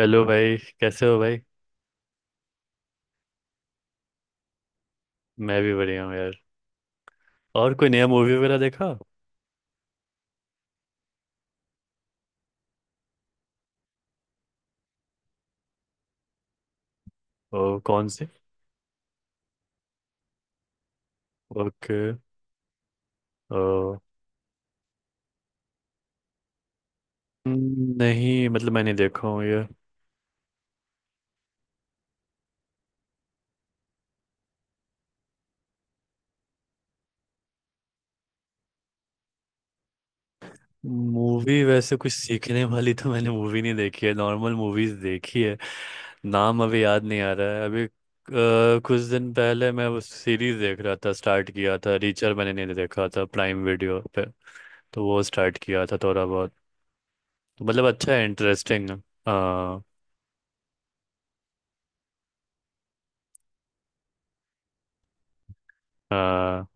Hello भाई कैसे हो भाई। मैं भी बढ़िया हूँ यार। और कोई नया मूवी वगैरह देखा। ओ, कौन सी। ओके। ओ, नहीं मतलब मैंने देखा हूँ ये। मूवी वैसे कुछ सीखने वाली तो मैंने मूवी नहीं देखी है, नॉर्मल मूवीज देखी है। नाम अभी याद नहीं आ रहा है अभी कुछ दिन पहले मैं वो सीरीज देख रहा था, स्टार्ट किया था, रीचर मैंने नहीं देखा था प्राइम वीडियो पे। तो वो स्टार्ट किया था थोड़ा बहुत। तो मतलब अच्छा है, इंटरेस्टिंग। हाँ। हाँ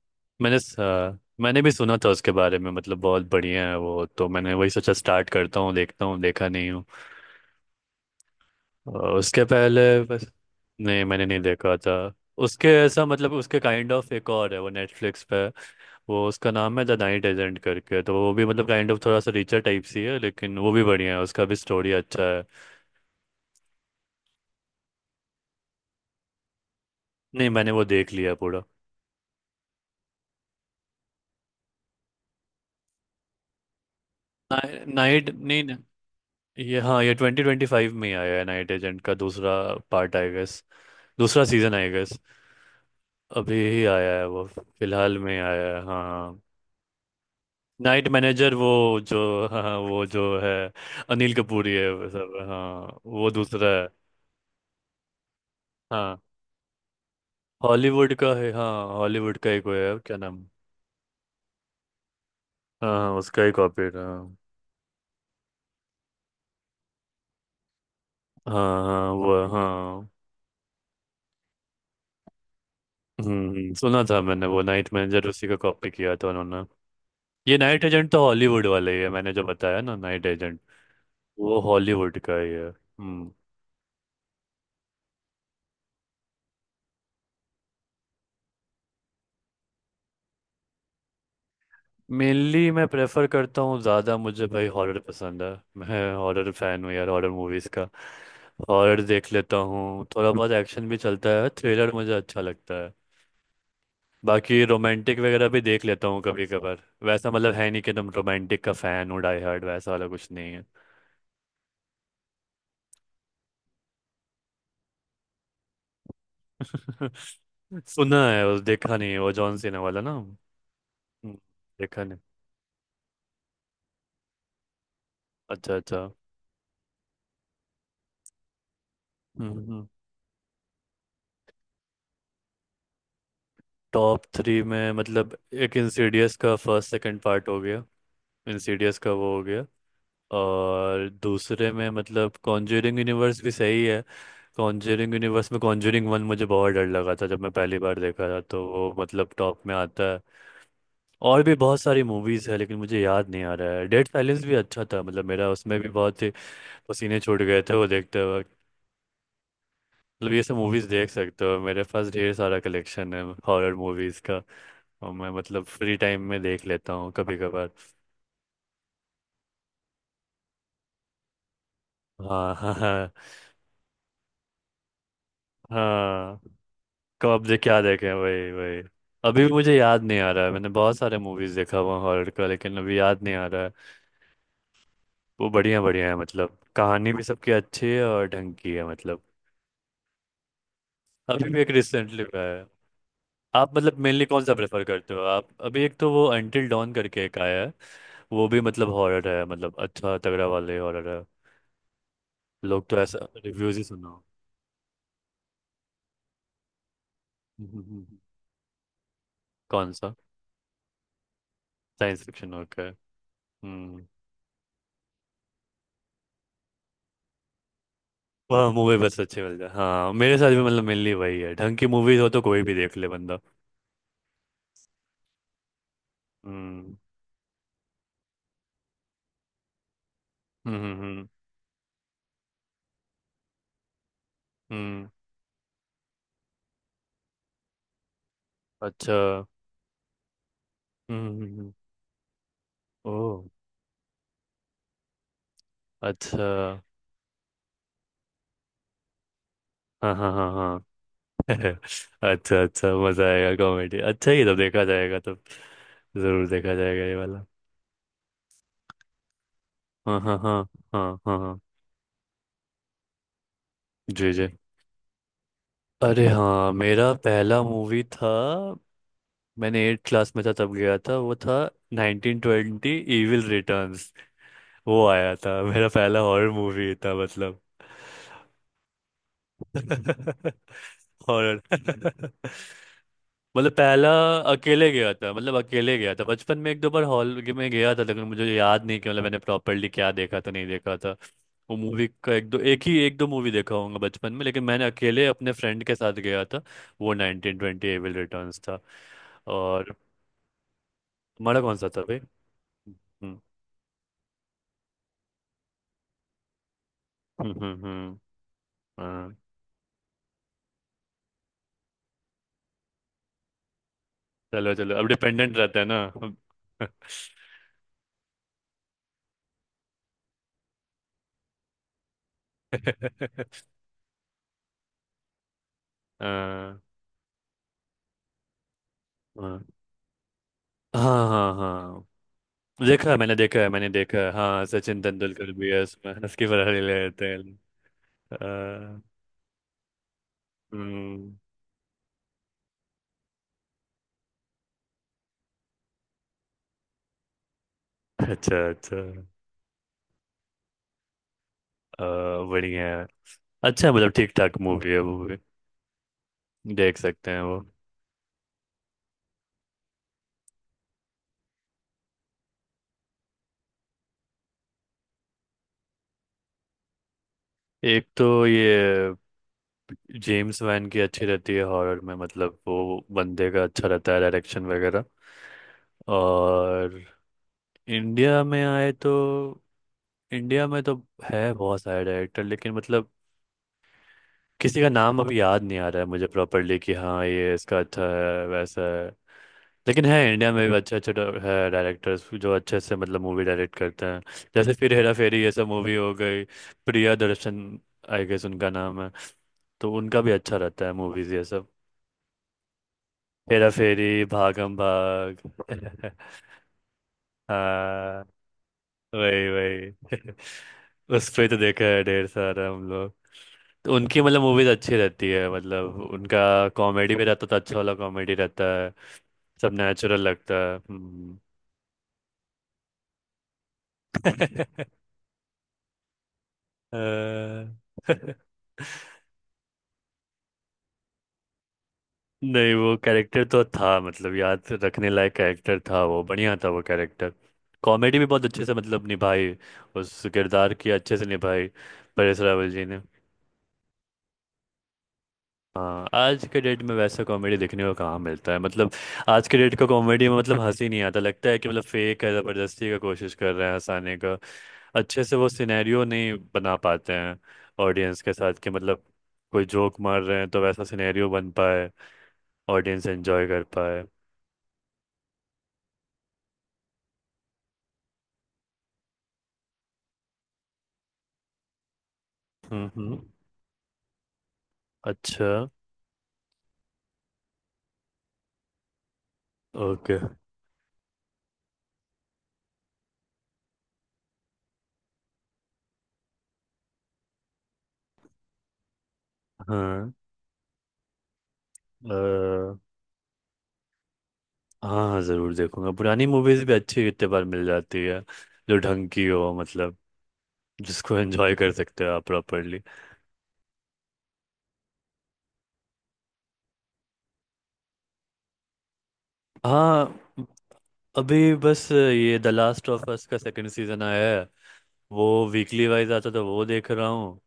हाँ, मैंने भी सुना था उसके बारे में, मतलब बहुत बढ़िया है वो, तो मैंने वही सोचा स्टार्ट करता हूँ देखता हूँ, देखा नहीं हूँ। और उसके पहले बस। नहीं मैंने नहीं देखा था। उसके ऐसा मतलब उसके काइंड ऑफ एक और है वो नेटफ्लिक्स पे। वो उसका नाम है द नाइट एजेंट करके, तो वो भी मतलब काइंड ऑफ थोड़ा सा रिचर टाइप सी है, लेकिन वो भी बढ़िया है, उसका भी स्टोरी अच्छा है। नहीं, मैंने वो देख लिया पूरा। नाइट नहीं नहीं, ये, हाँ, ये 2025 में ही आया है, नाइट एजेंट का दूसरा पार्ट आई गेस। दूसरा सीजन आई गेस। अभी ही आया है वो। फिलहाल में आया है हाँ। नाइट मैनेजर वो जो, हाँ हाँ, वो जो है अनिल कपूर ही है वो सब, हाँ वो दूसरा है। हाँ हॉलीवुड का है, हाँ हॉलीवुड का एक वो है, क्या नाम। हाँ हाँ, उसका ही कॉपी हाँ। हाँ हाँ, वो हाँ। सुना था मैंने वो, नाइट मैनेजर उसी का कॉपी किया था उन्होंने। ये नाइट एजेंट तो हॉलीवुड वाला ही है, मैंने जो बताया ना नाइट एजेंट। वो हॉलीवुड का ही है हम्म। मेनली मैं प्रेफर करता हूँ ज़्यादा, मुझे भाई हॉरर पसंद है। मैं हॉरर फैन हूँ यार, हॉरर मूवीज़ का। हॉरर देख लेता हूँ, थोड़ा बहुत एक्शन भी चलता है, थ्रिलर मुझे अच्छा लगता है। बाकी रोमांटिक वगैरह भी देख लेता हूँ कभी कभार, वैसा मतलब है नहीं कि तुम रोमांटिक का फ़ैन हो, डाई हार्ड वैसा वाला कुछ नहीं है। सुना है, उस देखा नहीं है, वो जॉन सीना वाला ना हम्म। देखा नहीं। अच्छा अच्छा। हम्म। टॉप थ्री में मतलब एक इंसीडियस का फर्स्ट सेकंड पार्ट हो गया। इंसीडियस का वो हो गया। और दूसरे में मतलब कॉन्जरिंग यूनिवर्स भी सही है। कॉन्जरिंग यूनिवर्स में कॉन्जरिंग वन मुझे बहुत डर लगा था जब मैं पहली बार देखा था, तो वो मतलब टॉप में आता है। और भी बहुत सारी मूवीज़ है लेकिन मुझे याद नहीं आ रहा है, डेड साइलेंस भी अच्छा था, मतलब मेरा उसमें भी बहुत ही पसीने छूट गए थे वो देखते वक्त। मतलब ये सब मूवीज़ देख सकते हो, मेरे पास ढेर सारा कलेक्शन है। हॉरर मूवीज़ का। और मैं मतलब फ्री टाइम में देख लेता हूँ कभी कभार। हाँ हाँ हाँ हाँ। कब्जे क्या देखें, वही वही। अभी भी मुझे याद नहीं आ रहा है, मैंने बहुत सारे मूवीज देखा हुआ हॉरर का लेकिन अभी याद नहीं आ रहा है। वो बढ़िया बढ़िया है, मतलब कहानी भी सबकी अच्छी है और ढंग की है मतलब। अभी भी एक रिसेंटली है। आप मतलब मेनली कौन सा प्रेफर करते हो, आप अभी एक तो वो अंटिल डॉन करके एक आया है। वो भी मतलब हॉरर है, मतलब अच्छा तगड़ा वाले हॉरर है। लोग तो ऐसा रिव्यूज ही सुना हो। हम्म, हम्म, हम्म। कौन सा? Science fiction okay. वह मूवी बस अच्छी मिल जाए, हाँ मेरे साथ भी मतलब मिलनी वही है, ढंग की मूवीज हो तो कोई भी देख ले बंदा। हम्म हम्म हम्म हम्म, हम्म, अच्छा हम्म, हम्म, हम्म। ओह। अच्छा हाँ हाँ हाँ हाँ। अच्छा अच्छा मजा आएगा, कॉमेडी अच्छा ही तो देखा जाएगा, तो जरूर देखा जाएगा ये वाला। हाँ हाँ हाँ। हाँ हाँ हाँ। जी जी। अरे हाँ मेरा पहला मूवी था। मैंने 8 क्लास में था तब गया था, वो था 1920 इविल रिटर्न। वो आया था, मेरा पहला हॉरर मूवी था मतलब। हॉरर मतलब पहला। अकेले गया था, मतलब अकेले गया था, बचपन में एक दो बार हॉल में गया था लेकिन मुझे याद नहीं कि मतलब मैंने प्रॉपरली क्या देखा था, नहीं देखा था। वो मूवी का एक दो एक ही एक दो मूवी देखा होगा बचपन में, लेकिन मैंने अकेले अपने फ्रेंड के साथ गया था। वो 1920 एविल रिटर्न्स था। और हमारा कौन सा था भाई। हम्म हम्म हम्म हम्म, हाँ। चलो चलो, अब डिपेंडेंट रहता है ना हाँ हाँ हाँ हाँ हाँ। देखा है मैंने, देखा है मैंने, देखा है हाँ, सचिन तेंदुलकर भी है उसमें, हंस के बड़ा ले लेते हैं। अ, हम्म, अच्छा अच्छा अ, बढ़िया है। अच्छा मतलब ठीक ठाक मूवी है वो भी, देख सकते हैं वो। एक तो ये जेम्स वैन की अच्छी रहती है हॉरर में, मतलब वो बंदे का अच्छा रहता है डायरेक्शन वगैरह। और इंडिया में आए तो, इंडिया में तो है बहुत सारे डायरेक्टर लेकिन मतलब किसी का नाम अभी याद नहीं आ रहा है मुझे प्रॉपरली कि हाँ ये इसका अच्छा है वैसा है। लेकिन है इंडिया में भी अच्छे अच्छे है डायरेक्टर्स जो अच्छे से मतलब मूवी डायरेक्ट करते हैं। जैसे फिर हेरा फेरी ये सब मूवी हो गई। प्रिया दर्शन आई गेस उनका नाम है। तो उनका भी अच्छा रहता है मूवीज ये सब। हेरा फेरी भागम भाग हाँ वही वही। उस पे तो देखा है ढेर सारा हम। तो उनकी मतलब मूवीज अच्छी रहती है, मतलब उनका कॉमेडी भी रहता था, अच्छा वाला कॉमेडी रहता है। सब नेचुरल लगता है। अ, नहीं वो कैरेक्टर तो था, मतलब याद रखने लायक कैरेक्टर था वो, बढ़िया था वो कैरेक्टर। कॉमेडी भी बहुत अच्छे से मतलब निभाई, उस किरदार की अच्छे से निभाई, परेश रावल जी ने। हाँ आज के डेट में वैसा कॉमेडी देखने को कहाँ मिलता है मतलब। आज के डेट का कॉमेडी में मतलब हंसी नहीं आता, लगता है कि मतलब फेक है, ज़बरदस्ती का कोशिश कर रहे हैं हंसाने का। अच्छे से वो सिनेरियो नहीं बना पाते हैं ऑडियंस के साथ, कि मतलब कोई जोक मार रहे हैं तो वैसा सिनेरियो बन पाए, ऑडियंस एंजॉय कर पाए। हम्म। अच्छा। ओके। हाँ अ, हाँ हाँ जरूर देखूंगा, पुरानी मूवीज भी अच्छी कितने बार मिल जाती है, जो ढंग की हो मतलब, जिसको एंजॉय कर सकते हो आप प्रॉपरली। हाँ अभी बस ये द लास्ट ऑफ अस का सेकंड सीजन आया है। वो वीकली वाइज आता था, वो देख रहा हूँ।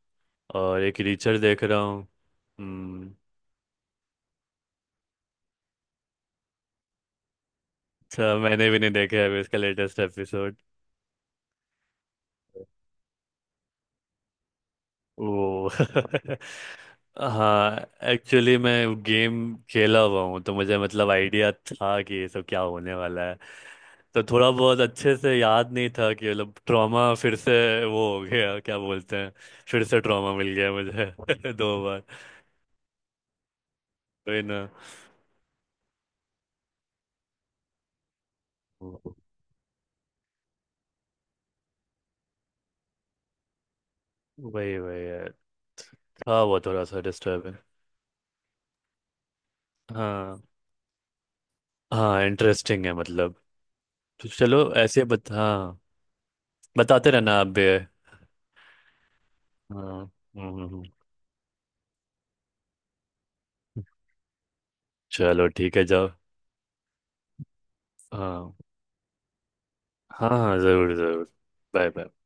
और एक रीचर देख रहा हूँ। हम्म। अच्छा मैंने भी नहीं देखा है अभी इसका लेटेस्ट एपिसोड। वो हाँ एक्चुअली मैं गेम खेला हुआ हूँ, तो मुझे मतलब आइडिया था कि ये सब क्या होने वाला है। तो थोड़ा बहुत अच्छे से याद नहीं था कि मतलब ट्रॉमा फिर से वो हो गया, क्या बोलते हैं, फिर से ट्रॉमा मिल गया मुझे दो बार। वही ना। वही वही है, था वो थोड़ा सा डिस्टर्बिंग। हाँ हाँ इंटरेस्टिंग है मतलब। तो चलो ऐसे बता, हाँ, बताते रहना आप भी। हाँ हम्म, हम्म, हम्म। चलो ठीक है जाओ। हाँ हाँ हाँ जरूर जरूर। Bye bye.